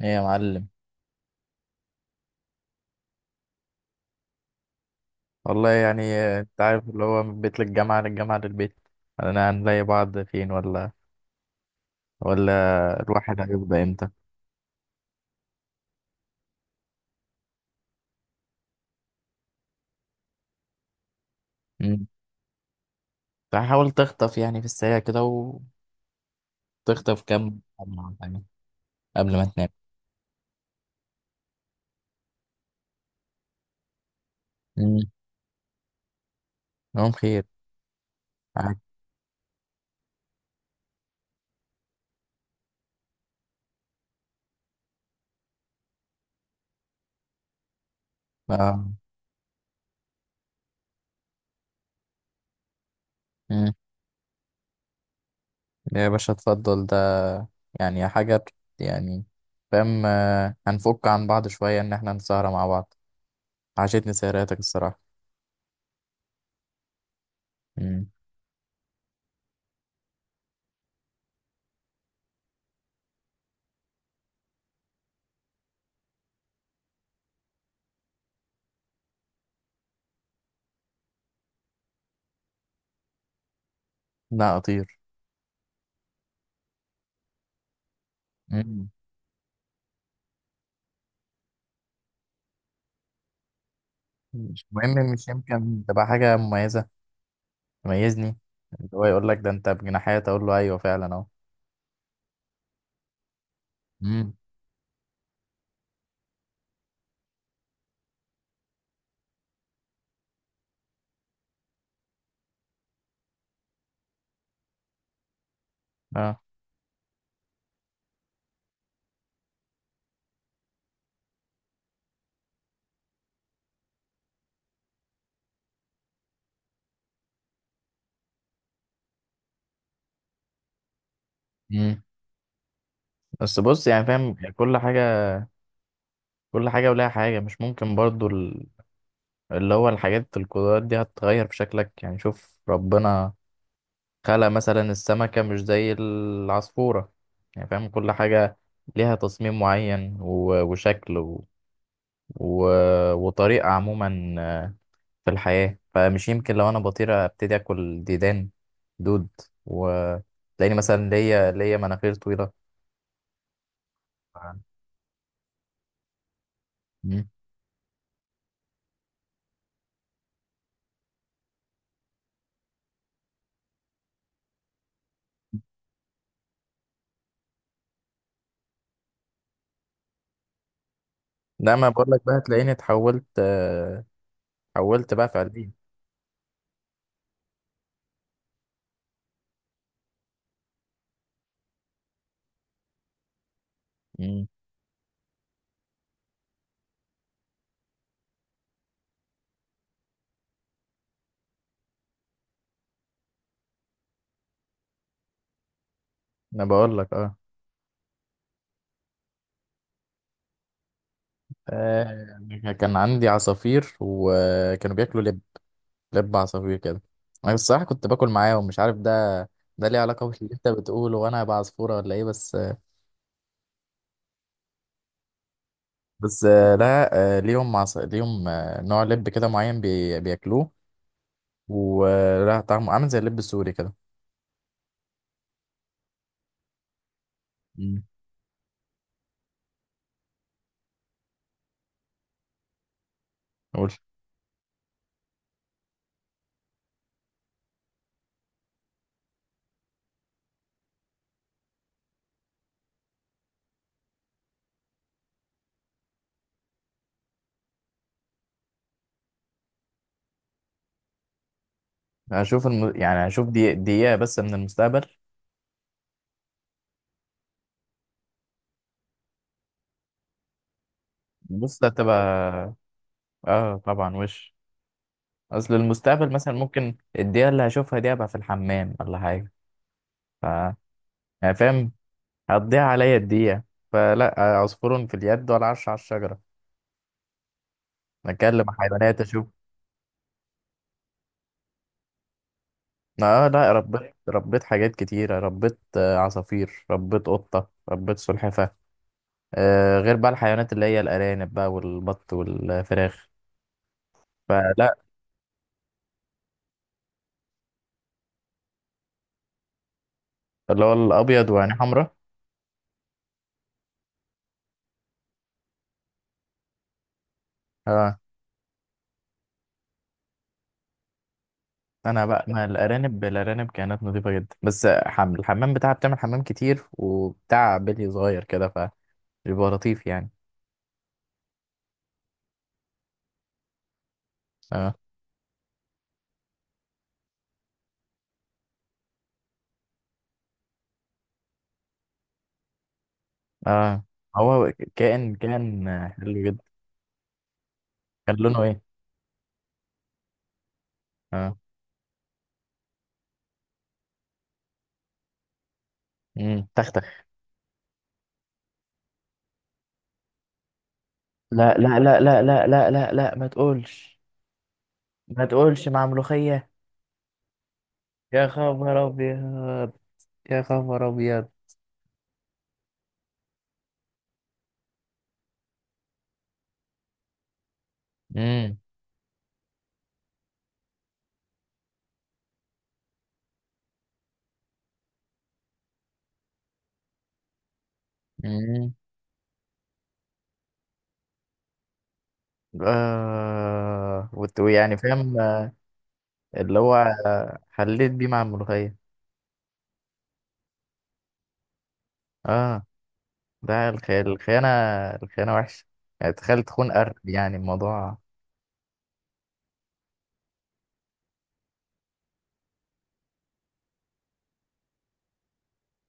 ايه يا معلم. والله يعني انت عارف اللي هو من بيت للجامعة للبيت. انا هنلاقي بعض فين، ولا الواحد هيفضى امتى؟ مم. فحاول تخطف يعني في السريع كده وتخطف كام مرة يعني قبل ما تنام. مم. نوم خير. عاد- آه. مم. يا باشا اتفضل ده. يعني يعني فاهم، هنفك عن بعض شوية ان احنا نسهر مع بعض. عشتني سهراتك الصراحة. مم. لا، اطير. مش مهم، مش يمكن تبقى حاجة مميزة تميزني. اللي هو يقول لك ده انت بجناحات اقول له ايوه فعلا اهو. امم. اه. امم. بس بص، يعني فاهم كل حاجة. كل حاجة ولها حاجة، مش ممكن برضو اللي هو الحاجات، القدرات دي هتتغير في شكلك. يعني شوف ربنا خلق مثلا السمكة مش زي العصفورة. يعني فاهم، كل حاجة ليها تصميم معين وشكل و... وطريقة عموما في الحياة. فمش يمكن لو أنا بطير أبتدي أكل ديدان، دود، وتلاقيني مثلا ليا مناخير طويلة. مم. لا، ما بقول لك بقى تلاقيني اتحولت بقى فعليا. مم. أنا بقول لك أه. كان عندي عصافير وكانوا بياكلوا لب، لب عصافير كده. أنا الصراحة كنت باكل معاهم، مش عارف، ده ليه علاقة باللي أنت بتقوله وأنا هبقى عصفورة ولا إيه؟ بس بس لا. ليهم ليهم نوع لب كده معين بياكلوه، ولا طعمه عامل زي اللب السوري كده. مم. قول. هشوف الم... يعني هشوف دي دقيقة بس من المستقبل. بص، ده هتبقى، اه طبعا وش. اصل المستقبل مثلا ممكن الدقيقة اللي هشوفها دي ابقى في الحمام ولا حاجة. ف يعني فاهم، هتضيع عليا الدقيقة. فلا عصفور في اليد ولا عش على الشجرة. نتكلم حيوانات اشوف. اه لا، ربيت حاجات كتيرة، ربيت عصافير، ربيت قطة، ربيت سلحفاة، غير بقى الحيوانات اللي هي الأرانب بقى، والبط، والفراخ. فلا، اللي هو الأبيض وعينيه حمراء. اه. أنا بقى، ما الأرانب كانت نظيفة جدا، بس الحمام بتاعها بتعمل حمام كتير وبتاع، بلي صغير كده، فبيبقى لطيف يعني. اه، اه. هو كائن حلو جدا. كان لونه ايه؟ اه. امم، تختخ. لا لا لا لا لا لا لا لا، ما تقولش. ما تقولش مع ملوخية. يا خبر أبيض. يا خبر أبيض. امم. مم. ويعني فاهم، اللي هو حليت بيه مع الملوخية. اه. ده الخيانة. الخيانة وحشة. يعني تخيل تخون قرد. يعني الموضوع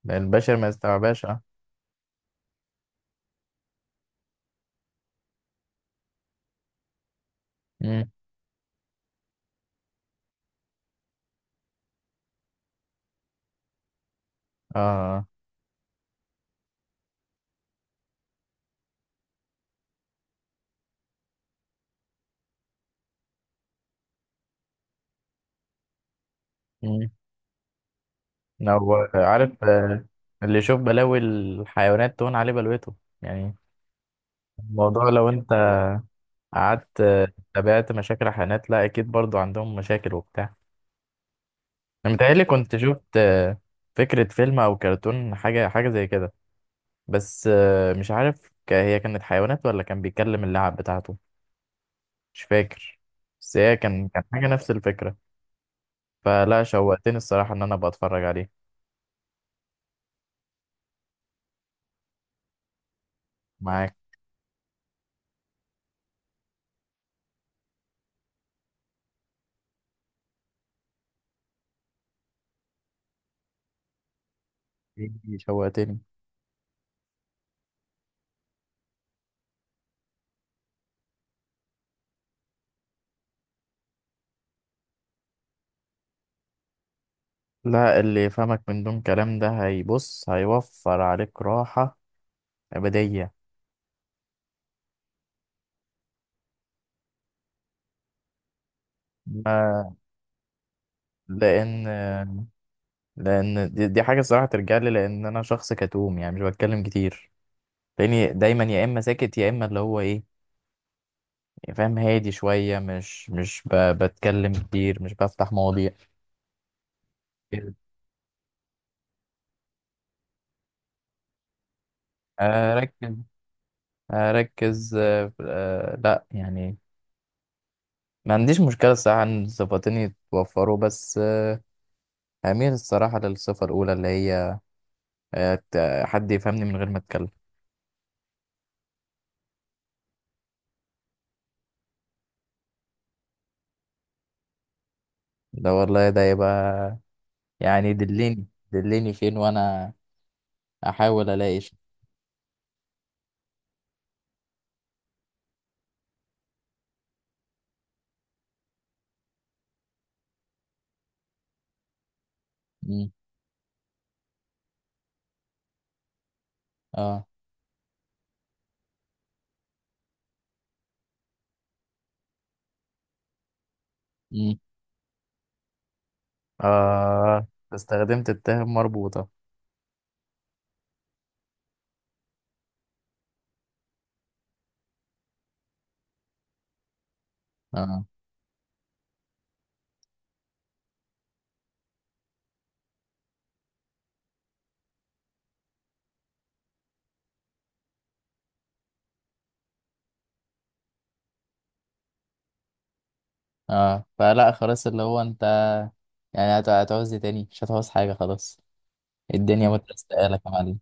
البشر ما يستوعبهاش، اه. مم. اه. مم. لو عارف، اللي يشوف بلاوي الحيوانات تهون عليه بلوته. يعني الموضوع لو انت قعدت، تابعت مشاكل الحيوانات، لا اكيد برضو عندهم مشاكل وبتاع. انا متهيألي كنت شفت فكرة فيلم او كرتون، حاجة حاجة زي كده. بس مش عارف، هي كانت حيوانات ولا كان بيتكلم اللعب بتاعته، مش فاكر. بس هي كان حاجة نفس الفكرة. فلا، شوقتني الصراحة ان انا ابقى اتفرج عليه. معاك. إيه، شوقتني. لا، اللي يفهمك من دون كلام ده هيبص، هيوفر عليك راحة أبدية. ما- لأن، دي حاجة الصراحة ترجع لي، لأن أنا شخص كتوم يعني مش بتكلم كتير. تلاقيني دايما يا اما ساكت يا اما اللي هو ايه، يعني فاهم، هادي شويه، مش بتكلم كتير، مش بفتح مواضيع. كده. اركز، اركز، لا يعني، ما عنديش مشكله الصراحه ان صفتين يتوفروا، بس هميل الصراحه للصفه الاولى اللي هي حد يفهمني من غير ما اتكلم. ده والله ده يبقى، يعني دلني، دلني فين وانا احاول الاقي شيء. مم. اه. مم. اه. استخدمت التهم مربوطه. اه، اه. فلا خلاص، اللي هو انت يعني هتعوز ايه تاني؟ مش هتعوز حاجة خلاص، الدنيا مترستقالك يا معلم.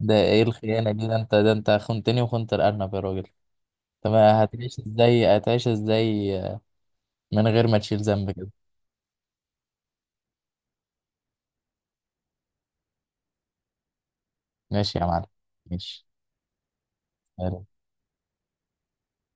ده ايه الخيانة دي؟ ده انت خنتني وخنت الأرنب يا راجل. طب هتعيش ازاي؟ هتعيش ازاي من غير ما تشيل ذنب كده؟ ماشي يا معلم. ماشي.